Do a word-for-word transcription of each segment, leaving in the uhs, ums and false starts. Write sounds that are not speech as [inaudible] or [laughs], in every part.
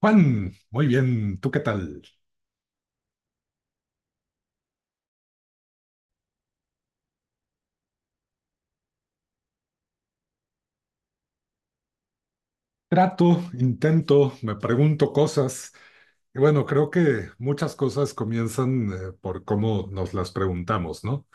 Juan, muy bien, ¿tú qué tal? Trato, intento, me pregunto cosas. Y bueno, creo que muchas cosas comienzan eh, por cómo nos las preguntamos, ¿no?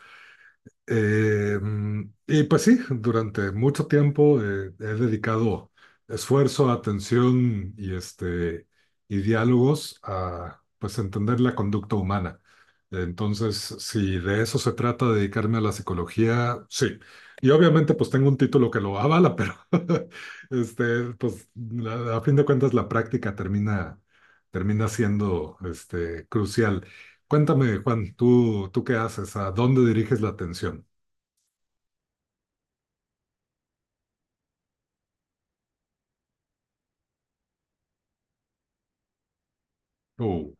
Eh, mm, y pues sí, durante mucho tiempo eh, he dedicado esfuerzo, atención y, este, y diálogos a pues entender la conducta humana. Entonces, si de eso se trata, dedicarme a la psicología, sí. Y obviamente pues tengo un título que lo avala, pero [laughs] este, pues la- a fin de cuentas la práctica termina, termina siendo este, crucial. Cuéntame, Juan, ¿tú, tú qué haces? ¿A dónde diriges la atención? Uh,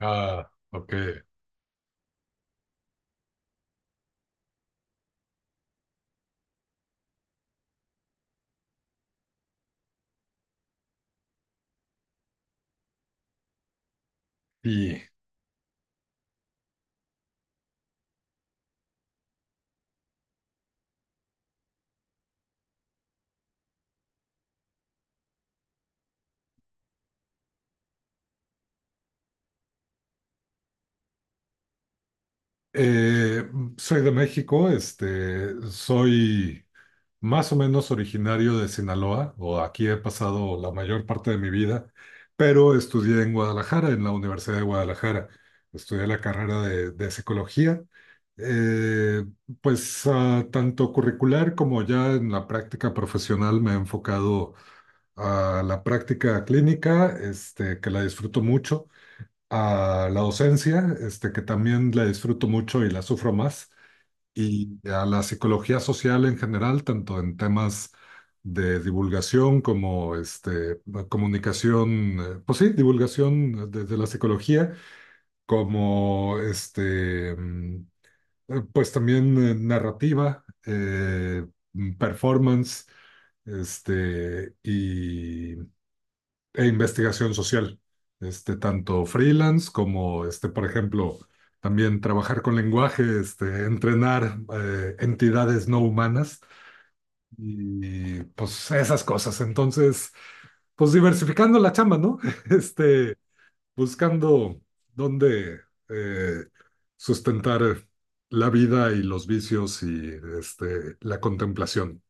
ah, ok. Y eh, Soy de México, este, soy más o menos originario de Sinaloa, o aquí he pasado la mayor parte de mi vida, pero estudié en Guadalajara, en la Universidad de Guadalajara. Estudié la carrera de, de psicología, eh, pues ah, tanto curricular como ya en la práctica profesional me he enfocado a la práctica clínica, este, que la disfruto mucho. A la docencia, este, que también la disfruto mucho y la sufro más, y a la psicología social en general, tanto en temas de divulgación como este, comunicación, eh, pues sí, divulgación de, de la psicología, como este, mm, eh, pues también eh, narrativa, eh, mm, performance, este, y e investigación social, este, tanto freelance como, este, por ejemplo, también trabajar con lenguaje, este, entrenar eh, entidades no humanas y pues esas cosas. Entonces, pues diversificando la chamba, ¿no? [laughs] Este, buscando dónde eh, sustentar la vida y los vicios y este, la contemplación.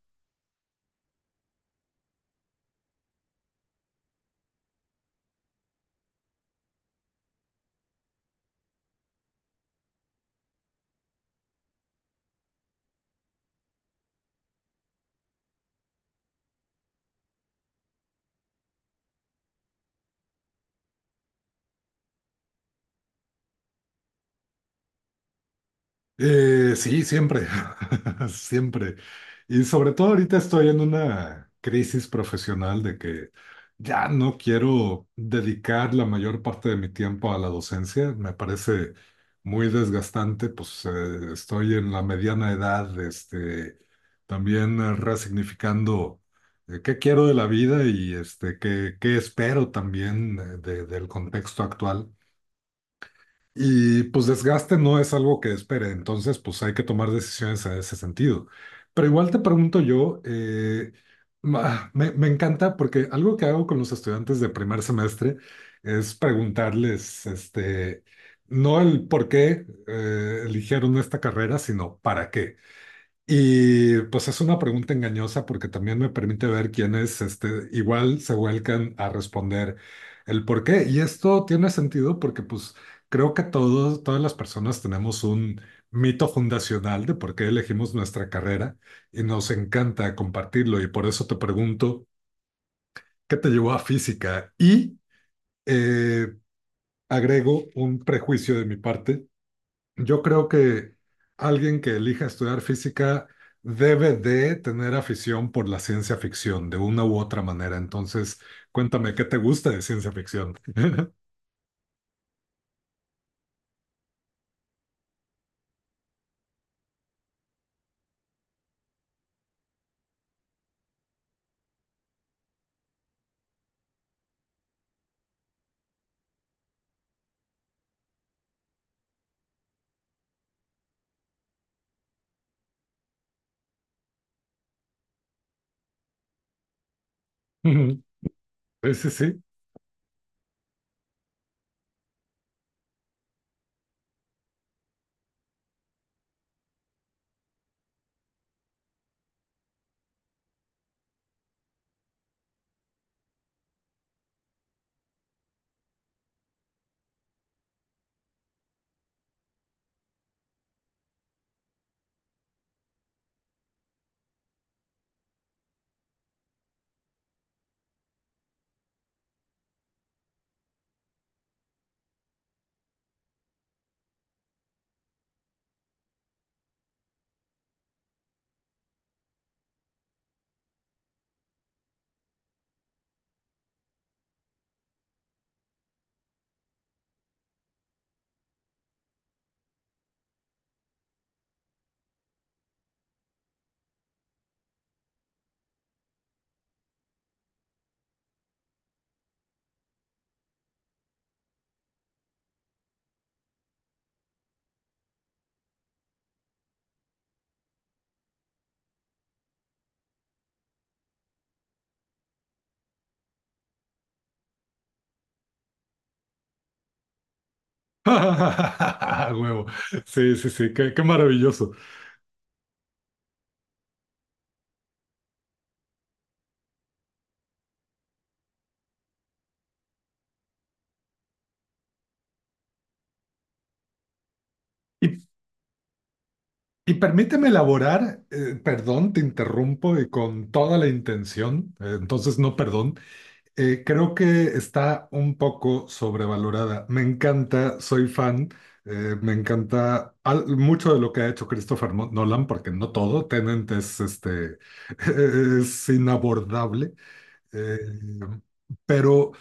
Eh, sí, siempre, [laughs] siempre. Y sobre todo ahorita estoy en una crisis profesional de que ya no quiero dedicar la mayor parte de mi tiempo a la docencia. Me parece muy desgastante, pues eh, estoy en la mediana edad, este, también eh, resignificando eh, qué quiero de la vida y este, qué, qué espero también eh, de- del contexto actual. Y pues desgaste no es algo que espere, entonces pues hay que tomar decisiones en ese sentido. Pero igual te pregunto yo, eh, ma- me, me encanta porque algo que hago con los estudiantes de primer semestre es preguntarles, este, no el por qué eh, eligieron esta carrera, sino para qué. Y pues es una pregunta engañosa porque también me permite ver quiénes este, igual se vuelcan a responder el por qué. Y esto tiene sentido porque pues creo que todos, todas las personas tenemos un mito fundacional de por qué elegimos nuestra carrera y nos encanta compartirlo. Y por eso te pregunto, ¿qué te llevó a física? Y eh, agrego un prejuicio de mi parte. Yo creo que alguien que elija estudiar física debe de tener afición por la ciencia ficción de una u otra manera. Entonces, cuéntame, ¿qué te gusta de ciencia ficción? [laughs] Ujú. Sí, sí, sí. [laughs] A huevo. Sí, sí, sí, qué, qué maravilloso. Y, y permíteme elaborar, eh, perdón, te interrumpo y con toda la intención, eh, entonces no, perdón. Eh, creo que está un poco sobrevalorada. Me encanta, soy fan, eh, me encanta al- mucho de lo que ha hecho Christopher Mo- Nolan, porque no todo, Tenet es, este, [laughs] es inabordable, eh, pero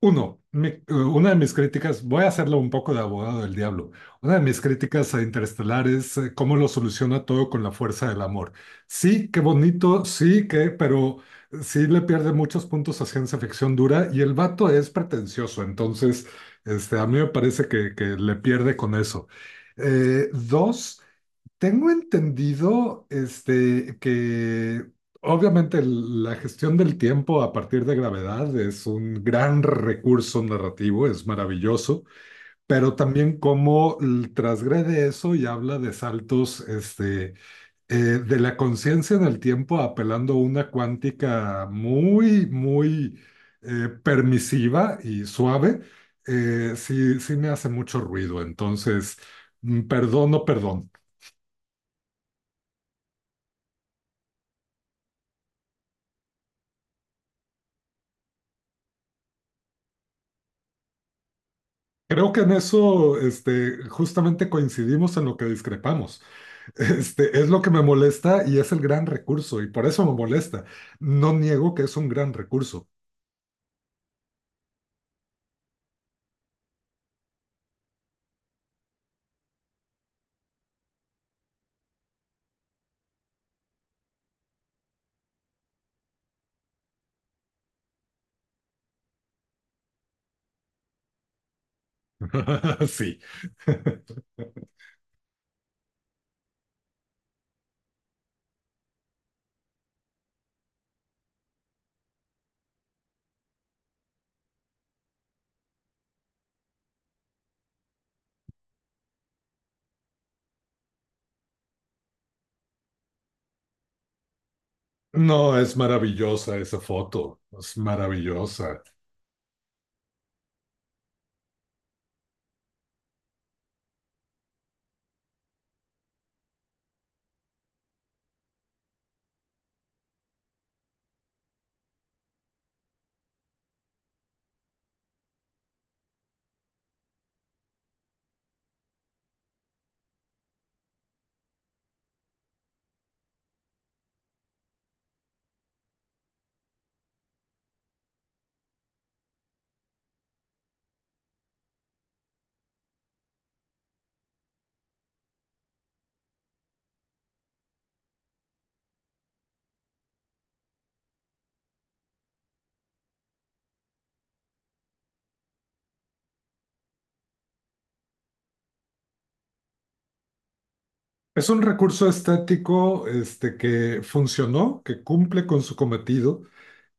uno, mi- eh, una de mis críticas, voy a hacerlo un poco de abogado del diablo, una de mis críticas a Interestelar es eh, cómo lo soluciona todo con la fuerza del amor. Sí, qué bonito, sí, que, pero sí le pierde muchos puntos a ciencia ficción dura y el vato es pretencioso, entonces este, a mí me parece que, que le pierde con eso. Eh, dos, tengo entendido, este, que obviamente el- la gestión del tiempo a partir de gravedad es un gran recurso narrativo, es maravilloso, pero también cómo l- transgrede eso y habla de saltos, este, eh, de la conciencia en el tiempo apelando a una cuántica muy, muy eh, permisiva y suave, eh, sí, sí me hace mucho ruido. Entonces, mm, perdón, no perdón. Creo que en eso, este, justamente coincidimos en lo que discrepamos. [laughs] Este, es lo que me molesta y es el gran recurso, y por eso me molesta. No niego que es un gran recurso. [laughs] Sí. No, es maravillosa esa foto, es maravillosa. Es un recurso estético, este, que funcionó, que cumple con su cometido,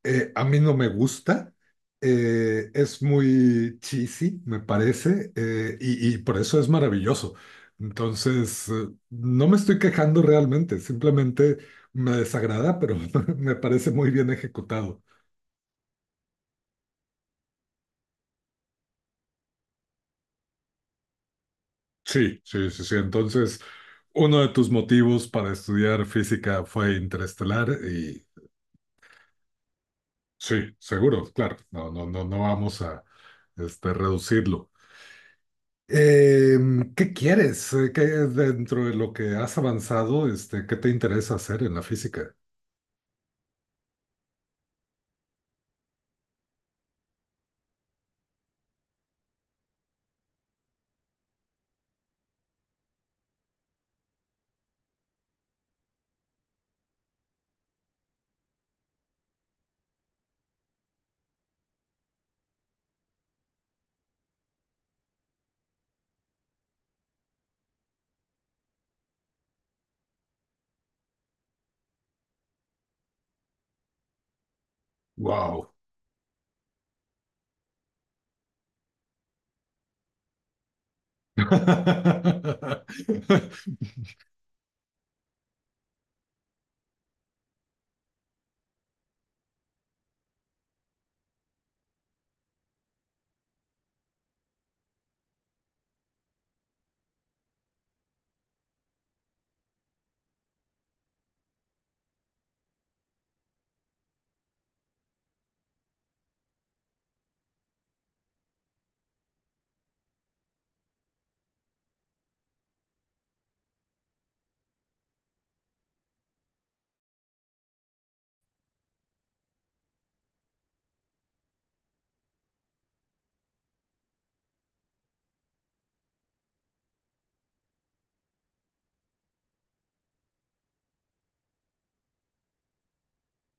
eh, a mí no me gusta, eh, es muy cheesy, me parece, eh, y, y por eso es maravilloso. Entonces, eh, no me estoy quejando realmente, simplemente me desagrada, pero [laughs] me parece muy bien ejecutado. Sí, sí, sí, sí. Entonces, uno de tus motivos para estudiar física fue Interestelar y sí, seguro, claro, no, no, no, no vamos a este, reducirlo. Eh, ¿qué quieres? Eh, ¿Qué, dentro de lo que has avanzado, este, qué te interesa hacer en la física? Wow. [laughs]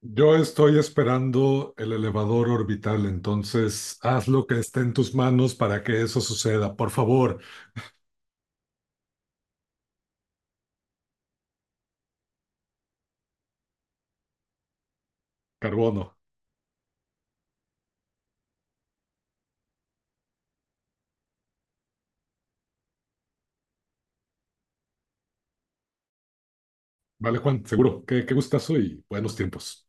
Yo estoy esperando el elevador orbital, entonces haz lo que esté en tus manos para que eso suceda. Por favor, carbono. Vale, Juan, seguro. Qué, qué gustazo y buenos tiempos.